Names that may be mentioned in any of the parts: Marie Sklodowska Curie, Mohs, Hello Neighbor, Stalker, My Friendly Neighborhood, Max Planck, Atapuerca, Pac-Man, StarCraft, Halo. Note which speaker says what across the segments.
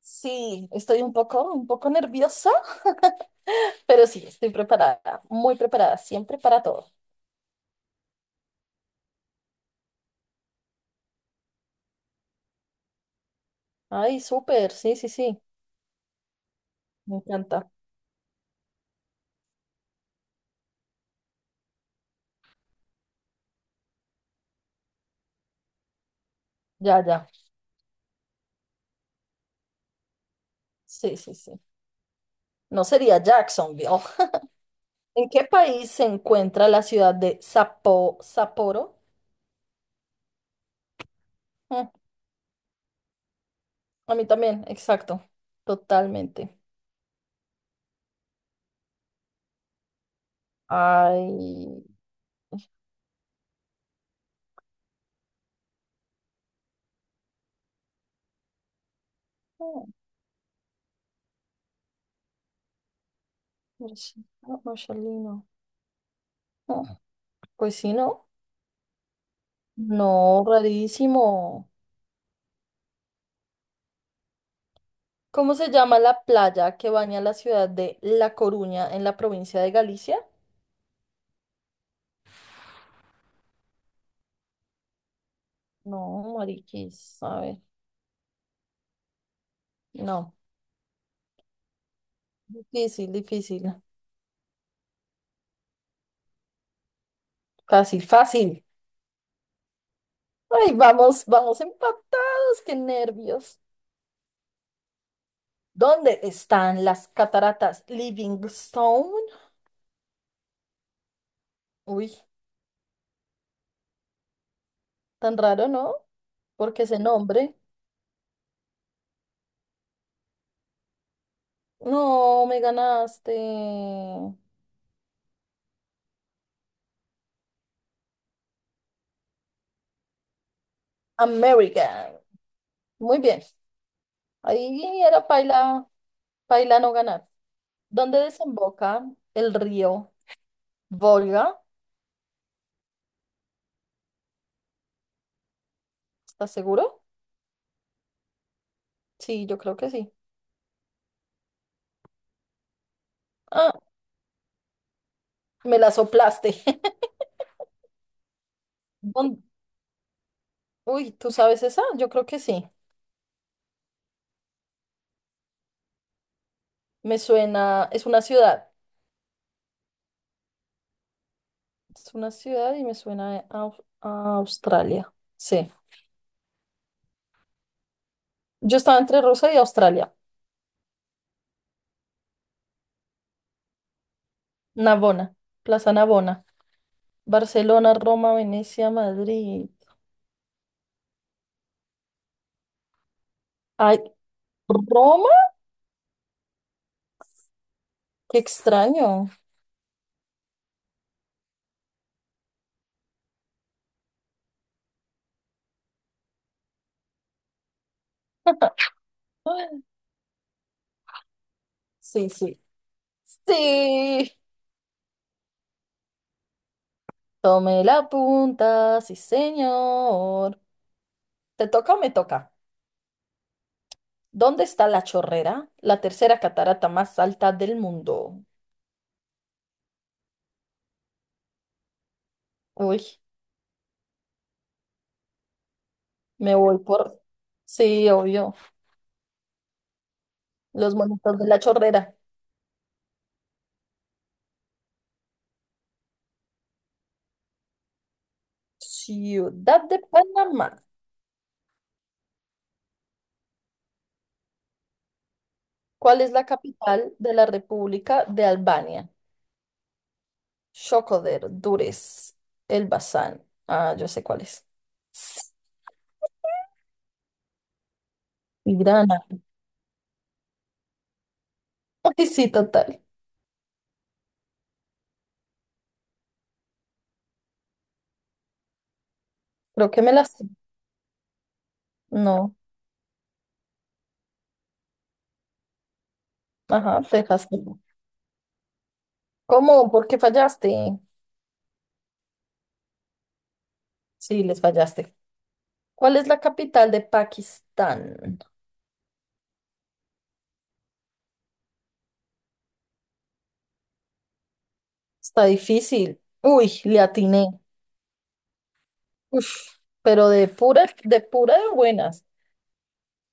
Speaker 1: Sí, estoy un poco nerviosa, pero sí, estoy preparada, muy preparada, siempre para todo. Ay, súper, sí, sí, sí, me encanta. Ya, ya, sí, sí, sí. No sería Jacksonville. Oh, ¿en qué país se encuentra la ciudad de Sapo, Sapporo? Mm, a mí también, exacto, totalmente. Ay, oh, oh, Marcelino. Oh, pues sí, ¿no? No, rarísimo. ¿Cómo se llama la playa que baña la ciudad de La Coruña en la provincia de Galicia? No, mariquis, a ver, no. Difícil, difícil. Fácil, fácil. Ay, vamos, vamos empatados, qué nervios. ¿Dónde están las cataratas Livingstone? Uy, tan raro, ¿no? Porque ese nombre. No, me ganaste. American. Muy bien. Ahí era paila, paila no ganar. ¿Dónde desemboca el río Volga? ¿Estás seguro? Sí, yo creo que sí. Ah, me la soplaste. ¿Dónde- Uy, ¿tú sabes esa? Yo creo que sí. Me suena, es una ciudad. Es una ciudad y me suena a, a Australia. Sí. Yo estaba entre Rusia y Australia. Navona, Plaza Navona. Barcelona, Roma, Venecia, Madrid. Ay, ¿Roma? Qué extraño. Sí, sí. Sí. Tome la punta, sí señor. ¿Te toca o me toca? ¿Dónde está la chorrera, la tercera catarata más alta del mundo? Uy, me voy por... Sí, obvio. Los monitos de la chorrera. Ciudad de Panamá. ¿Cuál es la capital de la República de Albania? Shkoder, Durrës, Elbasan. Ah, yo sé cuál es. Tirana. Ay, sí, total. Creo que me las... No. Ajá, Texas. ¿Cómo? ¿Por qué fallaste? Sí, les fallaste. ¿Cuál es la capital de Pakistán? Está difícil. Uy, le atiné. Uf, pero de pura de buenas.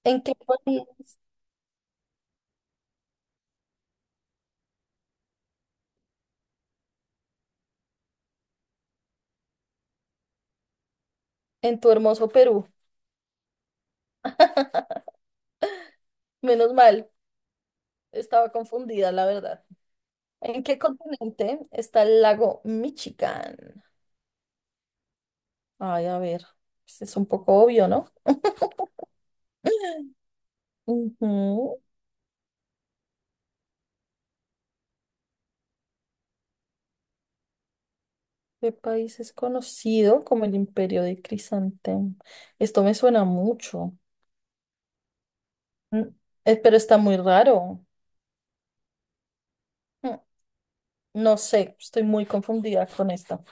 Speaker 1: ¿En qué país? En tu hermoso Perú. Menos mal, estaba confundida, la verdad. ¿En qué continente está el lago Michigan? Ay, a ver, pues es un poco obvio, ¿no? Ujú. De países conocido como el Imperio de Crisantemo. Esto me suena mucho, mm. Pero está muy raro. Mm, No sé, estoy muy confundida con esta.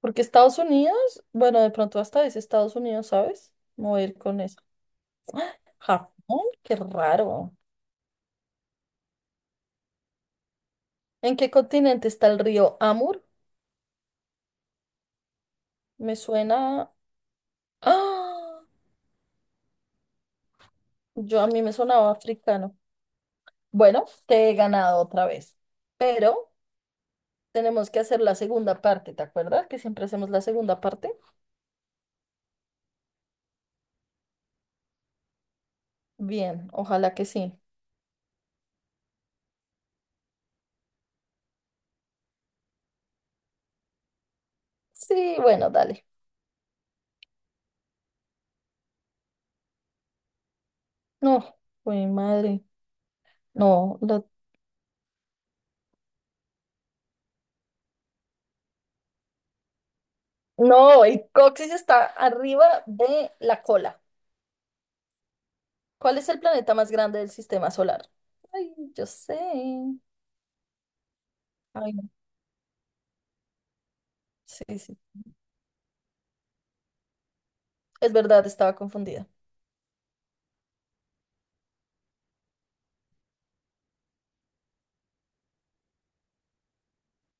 Speaker 1: Porque Estados Unidos, bueno, de pronto hasta dice Estados Unidos, ¿sabes? Me voy a ir con eso. Japón, qué raro. ¿En qué continente está el río Amur? Me suena. ¡Ah! Yo a mí me sonaba africano. Bueno, te he ganado otra vez. Pero. Tenemos que hacer la segunda parte, ¿te acuerdas? Que siempre hacemos la segunda parte. Bien, ojalá que sí. Sí, bueno, dale. No, mi madre. No, la- no, el coxis está arriba de la cola. ¿Cuál es el planeta más grande del sistema solar? Ay, yo sé. Ay, no. Sí, sí. Es verdad, estaba confundida.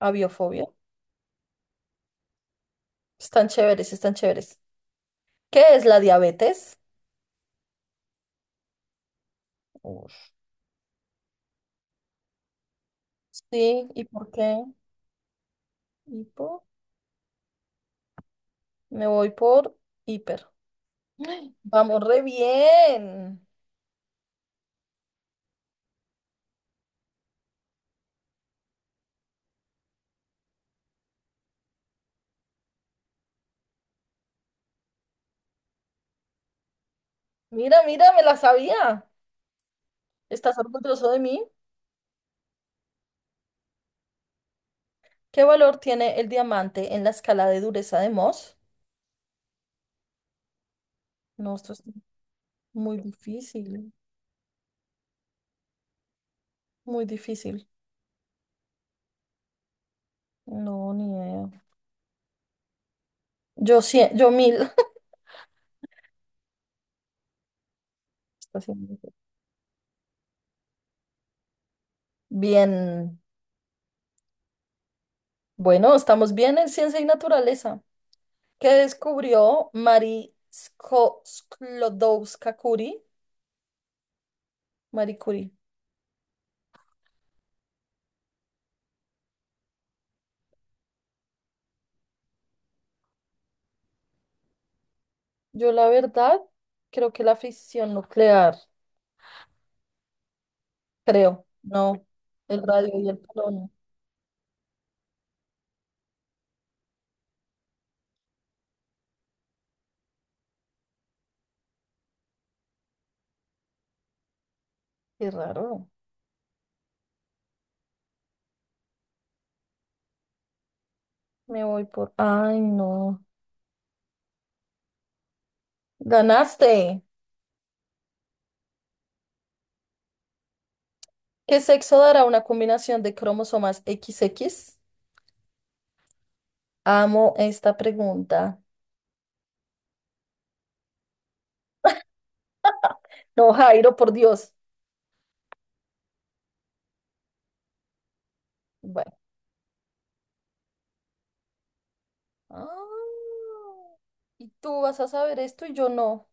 Speaker 1: Aviofobia. Están chéveres, están chéveres. ¿Qué es la diabetes? Ush. Sí, ¿y por qué? Hipo. Me voy por hiper. Vamos re bien. Mira, mira, me la sabía. ¿Estás orgulloso de mí? ¿Qué valor tiene el diamante en la escala de dureza de Mohs? No, esto es muy difícil, muy difícil. No, ni idea. Yo cien, yo mil. Está siendo difícil. Bien. Bueno, estamos bien en ciencia y naturaleza. ¿Qué descubrió Marie Sklodowska Curie? Marie Curie. Yo la verdad creo que la fisión nuclear. Creo. No, el radio y el polonio. Qué raro. Me voy por... Ay, no. Ganaste. ¿Qué sexo dará una combinación de cromosomas XX? Amo esta pregunta. No, Jairo, por Dios. Bueno. Ah, y tú vas a saber esto y yo no.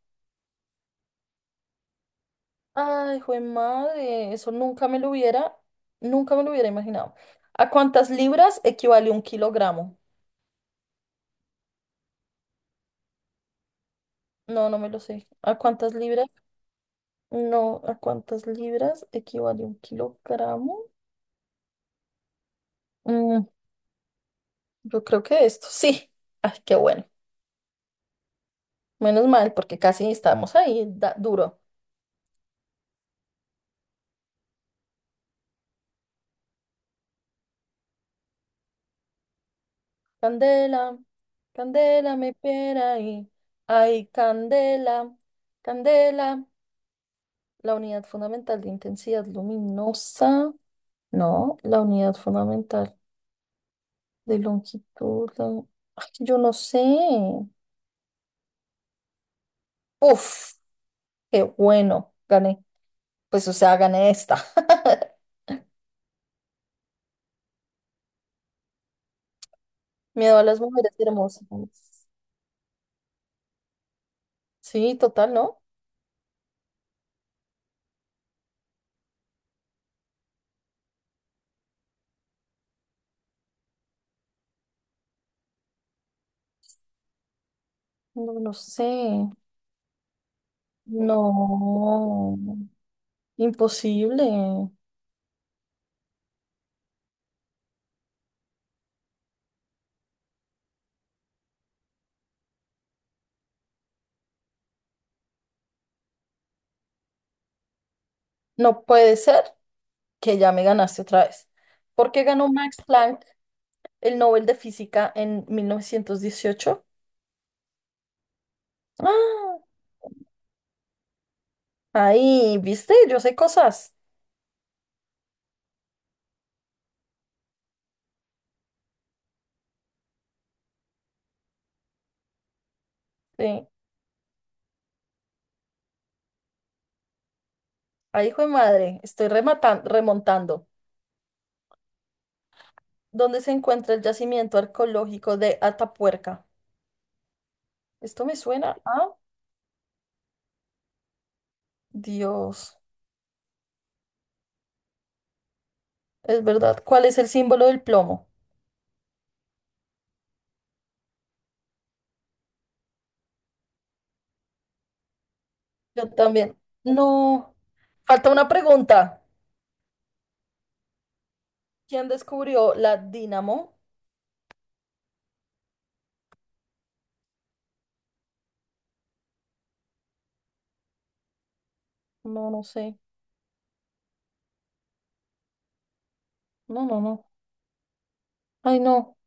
Speaker 1: Ay, jue madre, eso nunca me lo hubiera, nunca me lo hubiera imaginado. ¿A cuántas libras equivale un kilogramo? No, no me lo sé. ¿A cuántas libras? No, ¿a cuántas libras equivale un kilogramo? Mm, yo creo que esto, sí. Ay, qué bueno. Menos mal, porque casi estábamos ahí, duro. Candela, candela, me pera ahí. Ay, candela, candela. La unidad fundamental de intensidad luminosa. No, la unidad fundamental de longitud. Ay, yo no sé. Uf, qué bueno. Gané. Pues, o sea, gané esta. Miedo a las mujeres hermosas. Sí, total, ¿no? No lo sé. No. Imposible. No puede ser que ya me ganaste otra vez. ¿Por qué ganó Max Planck el Nobel de Física en 1918? Ah, ahí, ¿viste? Yo sé cosas. Sí. Ay, hijo de madre, estoy remontando. ¿Dónde se encuentra el yacimiento arqueológico de Atapuerca? Esto me suena a Dios. Es verdad. ¿Cuál es el símbolo del plomo? Yo también. No. Falta una pregunta. ¿Quién descubrió la dínamo? No, no sé. No, no, no. Ay, no.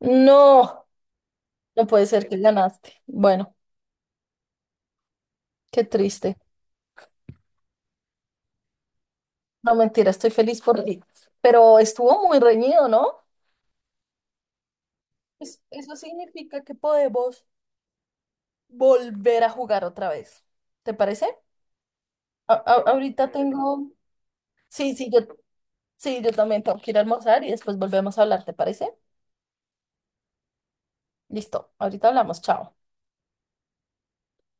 Speaker 1: No. No puede ser que ganaste. Bueno, qué triste. No, mentira, estoy feliz por ti. Pero estuvo muy reñido, ¿no? Eso significa que podemos volver a jugar otra vez. ¿Te parece? Ahorita tengo... Sí, sí, yo, sí, yo también tengo que ir a almorzar y después volvemos a hablar, ¿te parece? Listo, ahorita hablamos, chao.